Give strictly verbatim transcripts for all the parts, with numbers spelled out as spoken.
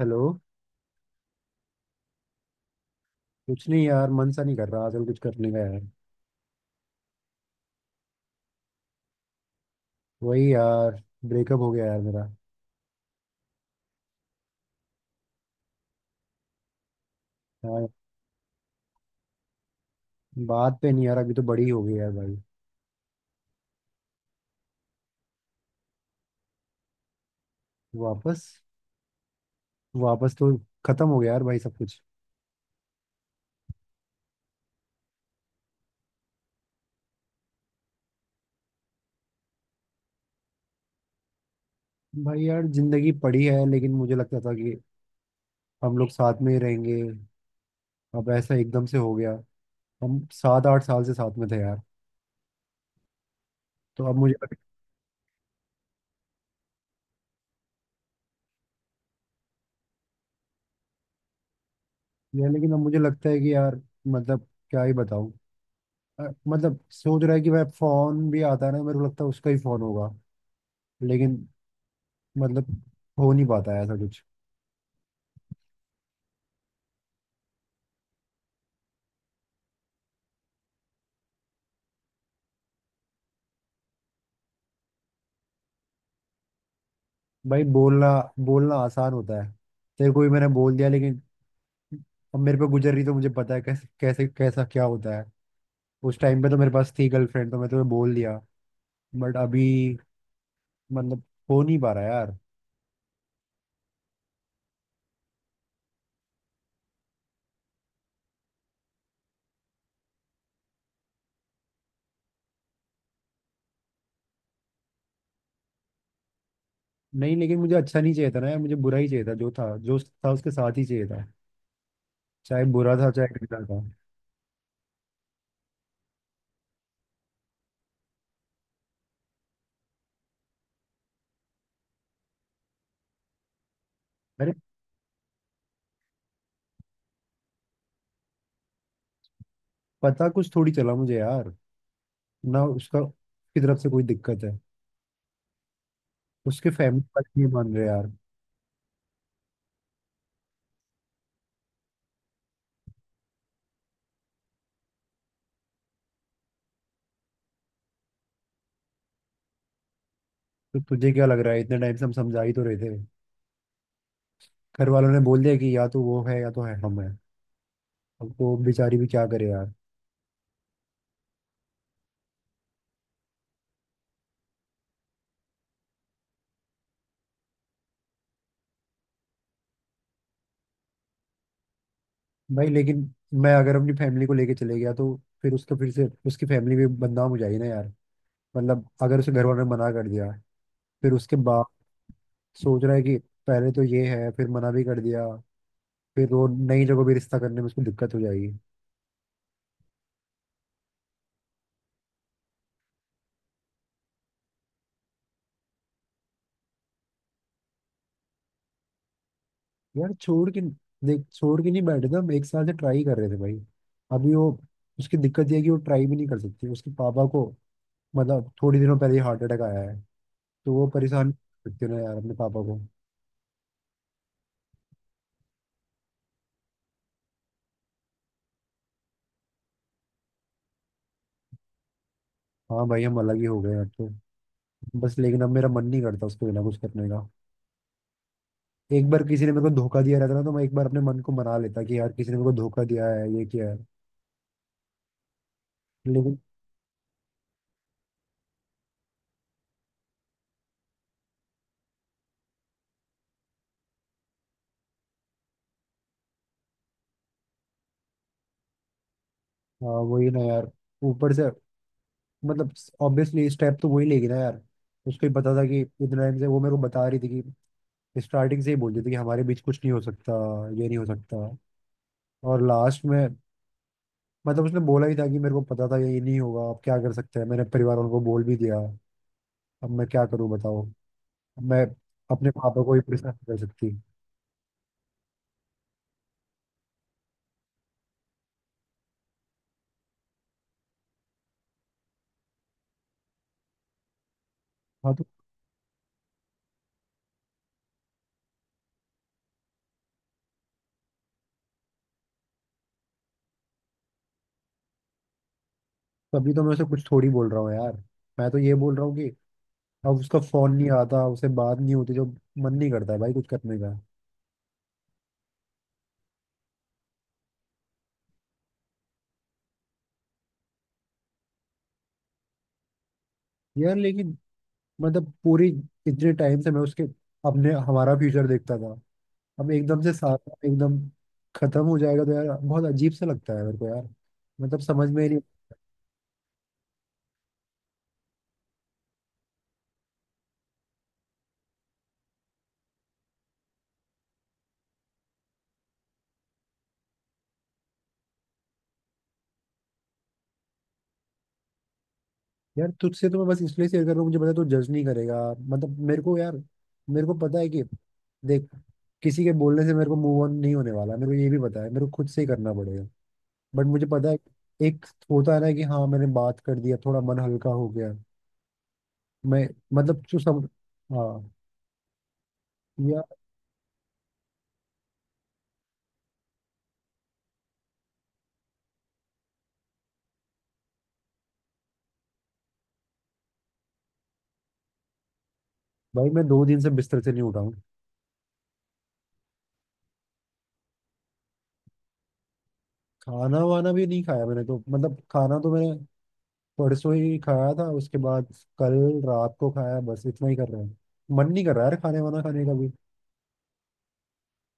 Hello. कुछ नहीं यार, मन सा नहीं कर रहा आजकल कुछ करने का यार। वही यार, ब्रेकअप हो गया यार मेरा। यार बात पे नहीं यार, अभी तो बड़ी हो गई यार भाई। वापस वापस तो खत्म हो गया यार भाई, सब कुछ। भाई यार जिंदगी पड़ी है, लेकिन मुझे लगता था कि हम लोग साथ में ही रहेंगे। अब ऐसा एकदम से हो गया। हम सात आठ साल से साथ में थे यार। तो अब मुझे लगता है, लेकिन अब मुझे लगता है कि यार, मतलब क्या ही बताऊं। अ, मतलब सोच रहा है कि भाई, फोन भी आता है ना, मेरे को लगता है उसका ही फोन होगा। लेकिन मतलब हो नहीं पाता है ऐसा कुछ। भाई बोलना बोलना आसान होता है। तेरे को भी मैंने बोल दिया, लेकिन अब मेरे पे गुजर रही तो मुझे पता है कैसे कैसे कैसा क्या होता है। उस टाइम पे तो मेरे पास थी गर्लफ्रेंड तो मैं तुम्हें बोल दिया, बट अभी मतलब हो नहीं पा रहा यार। नहीं, लेकिन मुझे अच्छा नहीं चाहिए था ना यार, मुझे बुरा ही चाहिए था, जो था जो था उसके साथ ही चाहिए था। चाहे बुरा था, चाहे गंदा था। अरे, पता कुछ थोड़ी चला मुझे यार। ना उसका, उसकी तरफ से कोई दिक्कत है। उसके फैमिली वाले नहीं मान रहे यार। तो तुझे क्या लग रहा है, इतने टाइम से हम समझा ही तो रहे थे। घर वालों ने बोल दिया कि या तो वो है या तो है हम है। अब वो बेचारी भी क्या करे यार। भाई लेकिन मैं अगर अपनी फैमिली को लेके चले गया, तो फिर उसका, फिर से उसकी फैमिली भी बदनाम हो जाएगी ना यार। मतलब अगर उसे घर वालों ने मना कर दिया, फिर उसके बाद सोच रहा है कि पहले तो ये है, फिर मना भी कर दिया, फिर वो नई जगह भी रिश्ता करने में उसको दिक्कत हो जाएगी। यार छोड़ के, देख, छोड़ के नहीं बैठे थे हम, एक साल से ट्राई कर रहे थे भाई। अभी वो, उसकी दिक्कत ये है कि वो ट्राई भी नहीं कर सकती उसके पापा को। मतलब थोड़ी दिनों पहले ही हार्ट अटैक आया है। तो वो परेशान कर सकते ना यार अपने पापा को। हाँ भाई, हम अलग ही हो गए अब तो। बस लेकिन अब मेरा मन नहीं करता उसको बिना कुछ करने का। एक बार किसी ने मेरे को धोखा दिया रहता ना, तो मैं एक बार अपने मन को मना लेता कि यार किसी ने मेरे को धोखा दिया है, ये किया है। लेकिन हाँ वही ना यार। ऊपर से मतलब ऑब्वियसली स्टेप तो वही लेगी ना यार। उसको ही पता था, कि इतना टाइम से वो मेरे को बता रही थी कि स्टार्टिंग से ही बोलती थी कि हमारे बीच कुछ नहीं हो सकता, ये नहीं हो सकता। और लास्ट में मतलब उसने बोला ही था कि मेरे को पता था ये नहीं होगा, आप क्या कर सकते हैं, मैंने परिवार वालों को बोल भी दिया। अब मैं क्या करूं बताओ। अब मैं अपने पापा को ही परेशान नहीं कर सकती। हाँ तो तभी तो मैं उसे कुछ थोड़ी बोल रहा हूँ यार। मैं तो ये बोल रहा हूँ कि अब उसका फोन नहीं आता, उससे बात नहीं होती, जो मन नहीं करता है भाई कुछ करने का। यार लेकिन मतलब पूरी, इतने टाइम से मैं उसके, अपने, हमारा फ्यूचर देखता था। अब एकदम से सारा एकदम खत्म हो जाएगा तो यार बहुत अजीब सा लगता है मेरे को यार। मतलब समझ में ही नहीं। यार तुझसे तो मैं बस इसलिए शेयर कर रहा हूँ, मुझे पता है तू जज नहीं करेगा मतलब मेरे को यार। मेरे को पता है कि, देख, किसी के बोलने से मेरे को मूव ऑन नहीं होने वाला, मेरे को ये भी पता है, मेरे को खुद से ही करना पड़ेगा। बट मुझे पता है एक होता है ना कि हाँ, मैंने बात कर दिया, थोड़ा मन हल्का हो गया। मैं मतलब जो सब, हाँ। यार भाई, मैं दो दिन से बिस्तर से नहीं उठा हूँ। खाना वाना भी नहीं खाया मैंने तो, मतलब खाना तो मैंने परसों ही खाया था, उसके बाद कल रात को खाया, बस इतना ही कर रहा हूँ। मन नहीं कर रहा यार खाने वाना खाने का।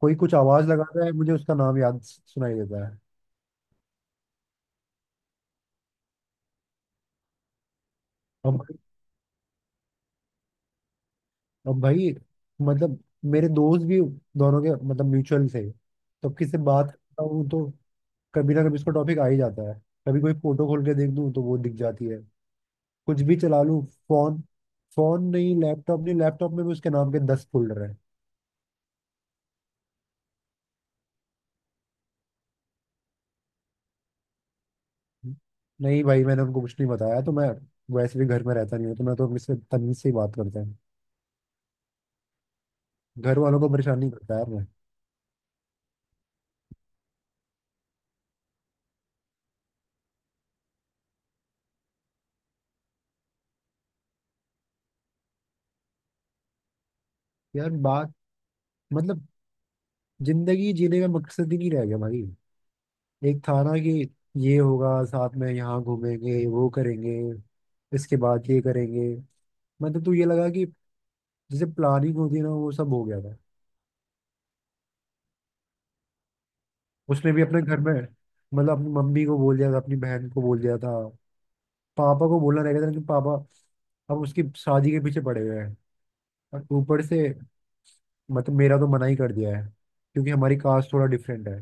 कोई कुछ आवाज लगाता है, मुझे उसका नाम याद सुनाई देता है। अब अब भाई मतलब मेरे दोस्त भी दोनों के मतलब म्यूचुअल थे। तो किसी से बात करता हूँ तो कभी ना कभी उसका टॉपिक आ ही जाता है। कभी कोई फोटो खोल के देख दूँ तो वो दिख जाती है। कुछ भी चला लूँ, फोन, फोन नहीं लैपटॉप, नहीं लैपटॉप में भी उसके नाम के दस फोल्डर हैं। नहीं भाई, मैंने उनको कुछ नहीं बताया, तो मैं वैसे भी घर में रहता नहीं हूँ, तो मैं तो मुझसे तमीज से ही बात करता हूँ। घर वालों को परेशान नहीं करता यार मैं। यार बात मतलब जिंदगी जीने का मकसद ही नहीं रह गया भाई। एक था ना कि ये होगा, साथ में यहाँ घूमेंगे, वो करेंगे, इसके बाद ये करेंगे, मतलब तो ये लगा कि जैसे प्लानिंग होती है ना, वो सब हो गया था। उसने भी अपने घर में मतलब अपनी मम्मी को बोल दिया था, अपनी बहन को बोल दिया था, पापा को बोलना रह गया था। लेकिन पापा अब उसकी शादी के पीछे पड़े हुए हैं। और ऊपर से मतलब मेरा तो मना ही कर दिया है, क्योंकि हमारी कास्ट थोड़ा डिफरेंट है।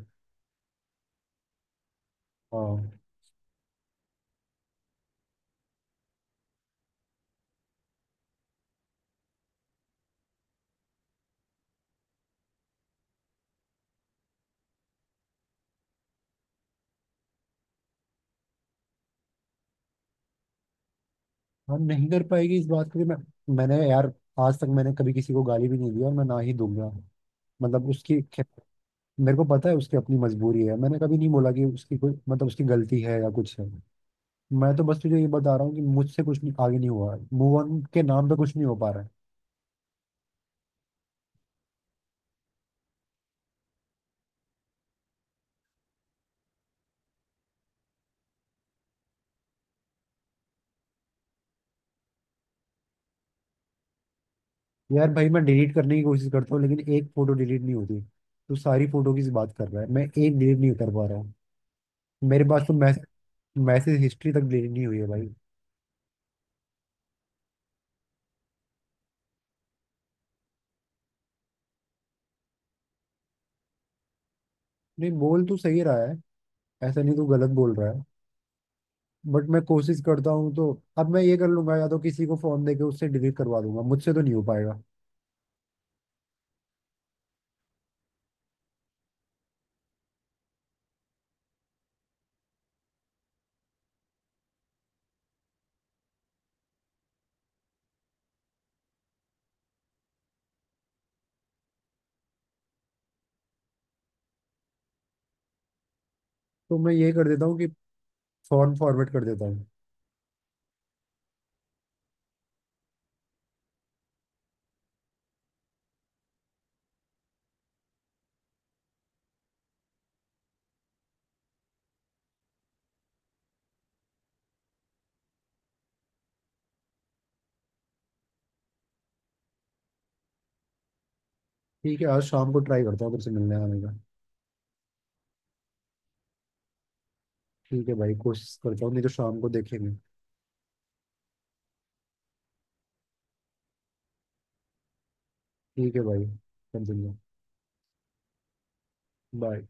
हाँ। हम नहीं कर पाएगी इस बात के लिए। मैं मैंने यार, आज तक मैंने कभी किसी को गाली भी नहीं दी और मैं ना ही दूंगा। मतलब उसकी खे- मेरे को पता है उसकी अपनी मजबूरी है, मैंने कभी नहीं बोला कि उसकी कोई मतलब उसकी गलती है या कुछ है। मैं तो बस तुझे ये बता रहा हूँ कि मुझसे कुछ नहीं, आगे नहीं हुआ, मूव ऑन के नाम पे कुछ नहीं हो पा रहा है। यार भाई, मैं डिलीट करने की कोशिश करता हूँ लेकिन एक फोटो डिलीट नहीं होती। तू सारी फोटो की बात कर रहा है, मैं एक डिलीट नहीं कर पा रहा हूँ। मेरे पास तो मैसेज मैसेज हिस्ट्री तक डिलीट नहीं हुई है भाई। नहीं, बोल तू सही रहा है। ऐसा नहीं, तू गलत बोल रहा है। बट मैं कोशिश करता हूँ, तो अब मैं ये कर लूंगा, या तो किसी को फोन देके उससे डिलीट करवा दूंगा, मुझसे तो नहीं हो पाएगा। तो मैं ये कर देता हूँ कि फॉर्म फॉरवर्ड कर देता हूँ। ठीक है, आज शाम को ट्राई करता हूँ तुमसे मिलने आने का। ठीक है भाई, कोशिश करता हूँ, नहीं तो शाम को देखेंगे। ठीक है भाई। कंटिन्यू। बाय।